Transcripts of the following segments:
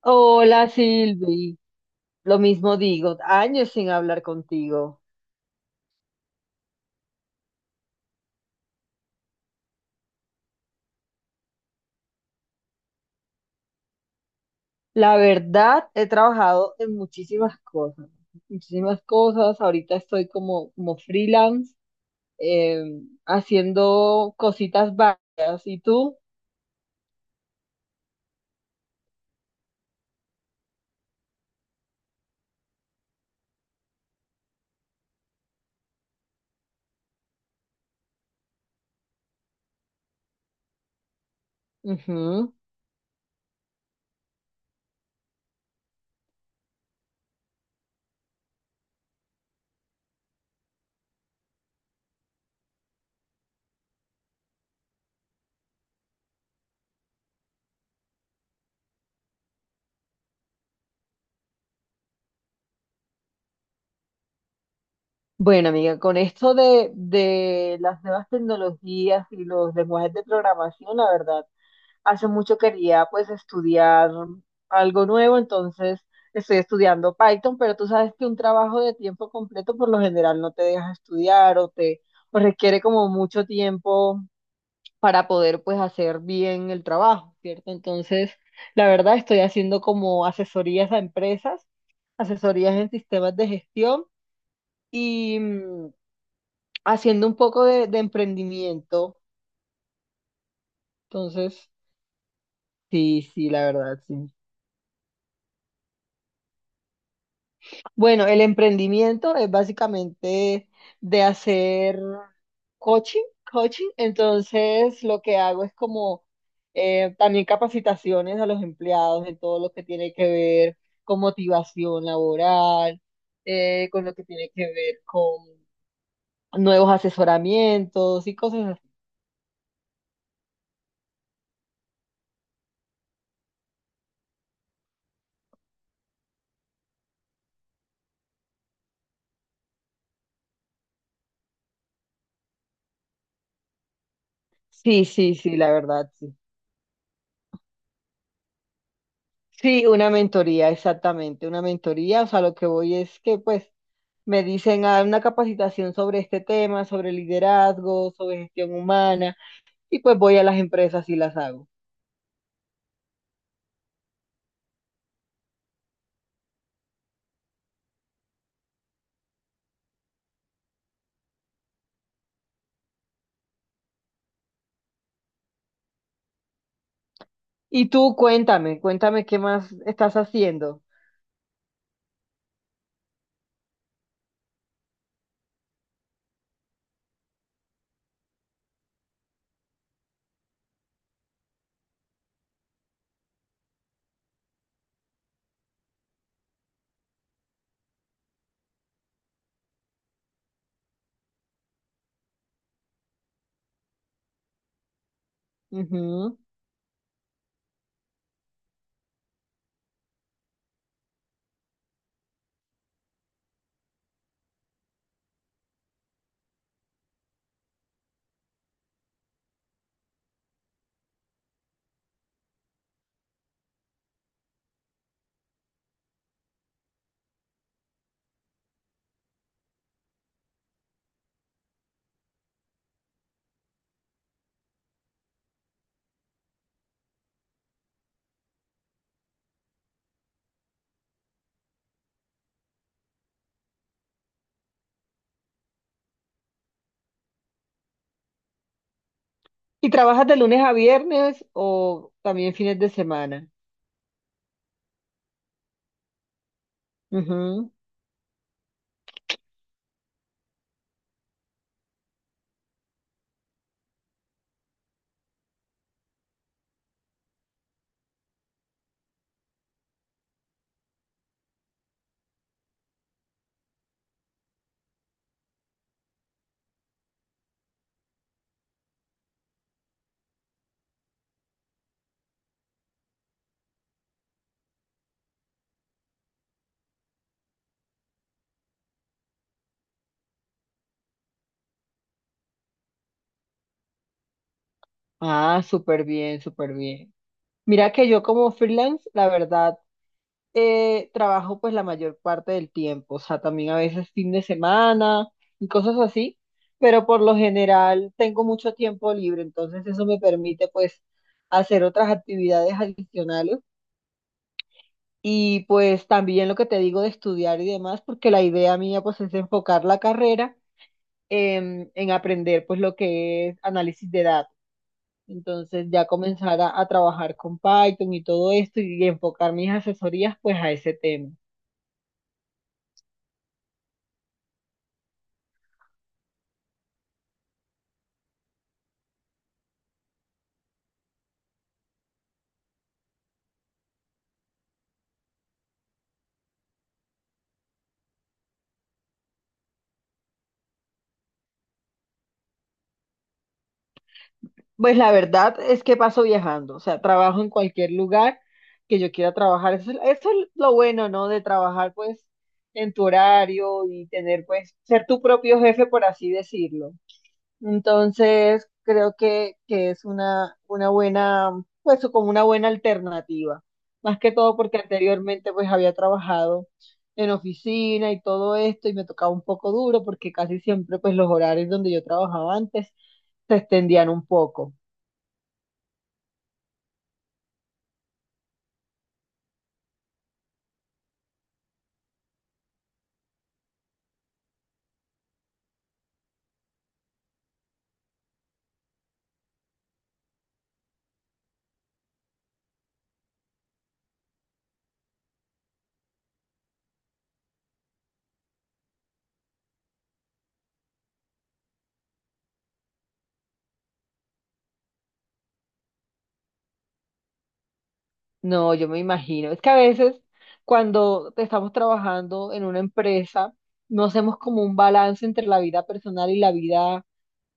Hola Silvi, lo mismo digo, años sin hablar contigo. La verdad, he trabajado en muchísimas cosas, muchísimas cosas. Ahorita estoy como, como freelance, eh, haciendo cositas varias. ¿Y tú? Ujú. Bueno, amiga, con esto de las nuevas tecnologías y los lenguajes de programación, la verdad. Hace mucho quería pues estudiar algo nuevo, entonces estoy estudiando Python, pero tú sabes que un trabajo de tiempo completo por lo general no te deja estudiar o te o requiere como mucho tiempo para poder pues hacer bien el trabajo, ¿cierto? Entonces, la verdad estoy haciendo como asesorías a empresas, asesorías en sistemas de gestión y haciendo un poco de emprendimiento. Entonces, sí, sí, la verdad, sí. Bueno, el emprendimiento es básicamente de hacer coaching, coaching. Entonces, lo que hago es como también capacitaciones a los empleados en todo lo que tiene que ver con motivación laboral, con lo que tiene que ver con nuevos asesoramientos y cosas así. Sí, sí, sí, la verdad, sí. Sí, una mentoría, exactamente, una mentoría. O sea, lo que voy es que pues me dicen a una capacitación sobre este tema, sobre liderazgo, sobre gestión humana, y pues voy a las empresas y las hago. Y tú cuéntame, cuéntame qué más estás haciendo. Ujú. ¿Y trabajas de lunes a viernes o también fines de semana? Ujú. Ah, súper bien, súper bien. Mira que yo como freelance, la verdad, trabajo pues la mayor parte del tiempo, o sea, también a veces fin de semana y cosas así, pero por lo general tengo mucho tiempo libre, entonces eso me permite pues hacer otras actividades adicionales y pues también lo que te digo de estudiar y demás, porque la idea mía pues es enfocar la carrera en aprender pues lo que es análisis de datos. Entonces ya comenzar a trabajar con Python y todo esto y enfocar mis asesorías pues a ese tema. Pues la verdad es que paso viajando, o sea, trabajo en cualquier lugar que yo quiera trabajar. Eso es lo bueno, ¿no? De trabajar pues en tu horario y tener pues ser tu propio jefe, por así decirlo. Entonces, creo que es una buena, pues como una buena alternativa. Más que todo porque anteriormente pues había trabajado en oficina y todo esto y me tocaba un poco duro porque casi siempre pues los horarios donde yo trabajaba antes se extendían un poco. No, yo me imagino. Es que a veces cuando estamos trabajando en una empresa, no hacemos como un balance entre la vida personal y la vida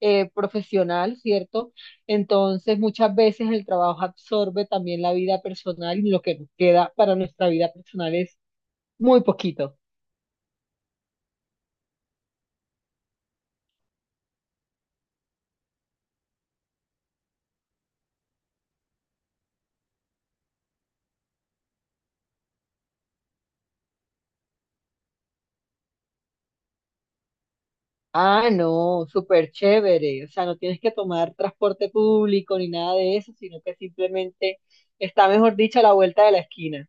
profesional, ¿cierto? Entonces, muchas veces el trabajo absorbe también la vida personal y lo que nos queda para nuestra vida personal es muy poquito. Ah, no, súper chévere. O sea, no tienes que tomar transporte público ni nada de eso, sino que simplemente está, mejor dicho, a la vuelta de la esquina.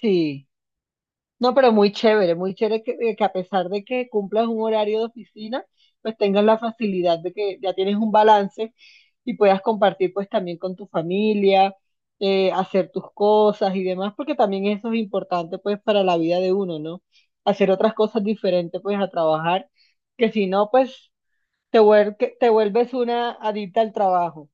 Sí. No, pero muy chévere que a pesar de que cumplas un horario de oficina, pues tengas la facilidad de que ya tienes un balance y puedas compartir pues también con tu familia, hacer tus cosas y demás, porque también eso es importante pues para la vida de uno, ¿no? Hacer otras cosas diferentes pues a trabajar, que si no pues que te vuelves una adicta al trabajo.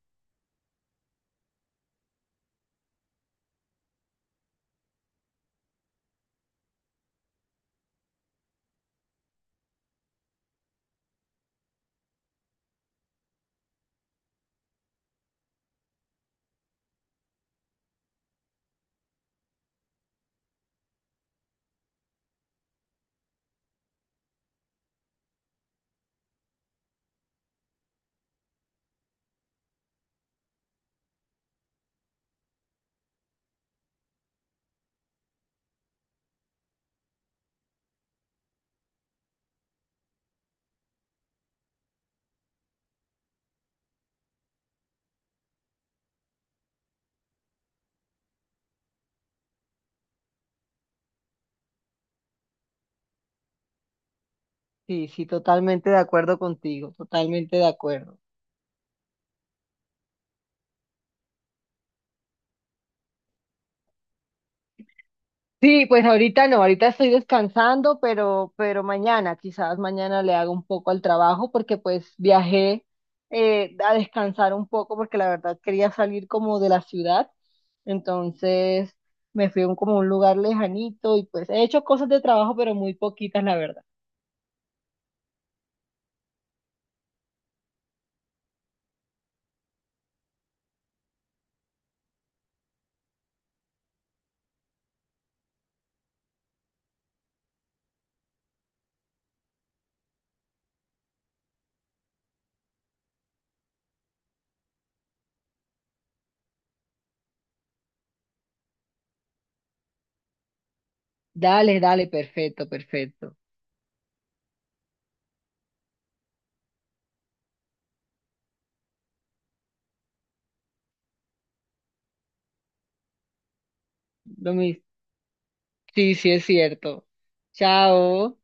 Sí, sí, totalmente de acuerdo contigo, totalmente de acuerdo. Sí, pues ahorita no, ahorita estoy descansando, pero mañana, quizás mañana le hago un poco al trabajo porque pues viajé a descansar un poco porque la verdad quería salir como de la ciudad, entonces me fui a un, como un lugar lejanito y pues he hecho cosas de trabajo, pero muy poquitas, la verdad. Dale, dale, perfecto, perfecto. Lo mis- Sí, sí es cierto. Chao.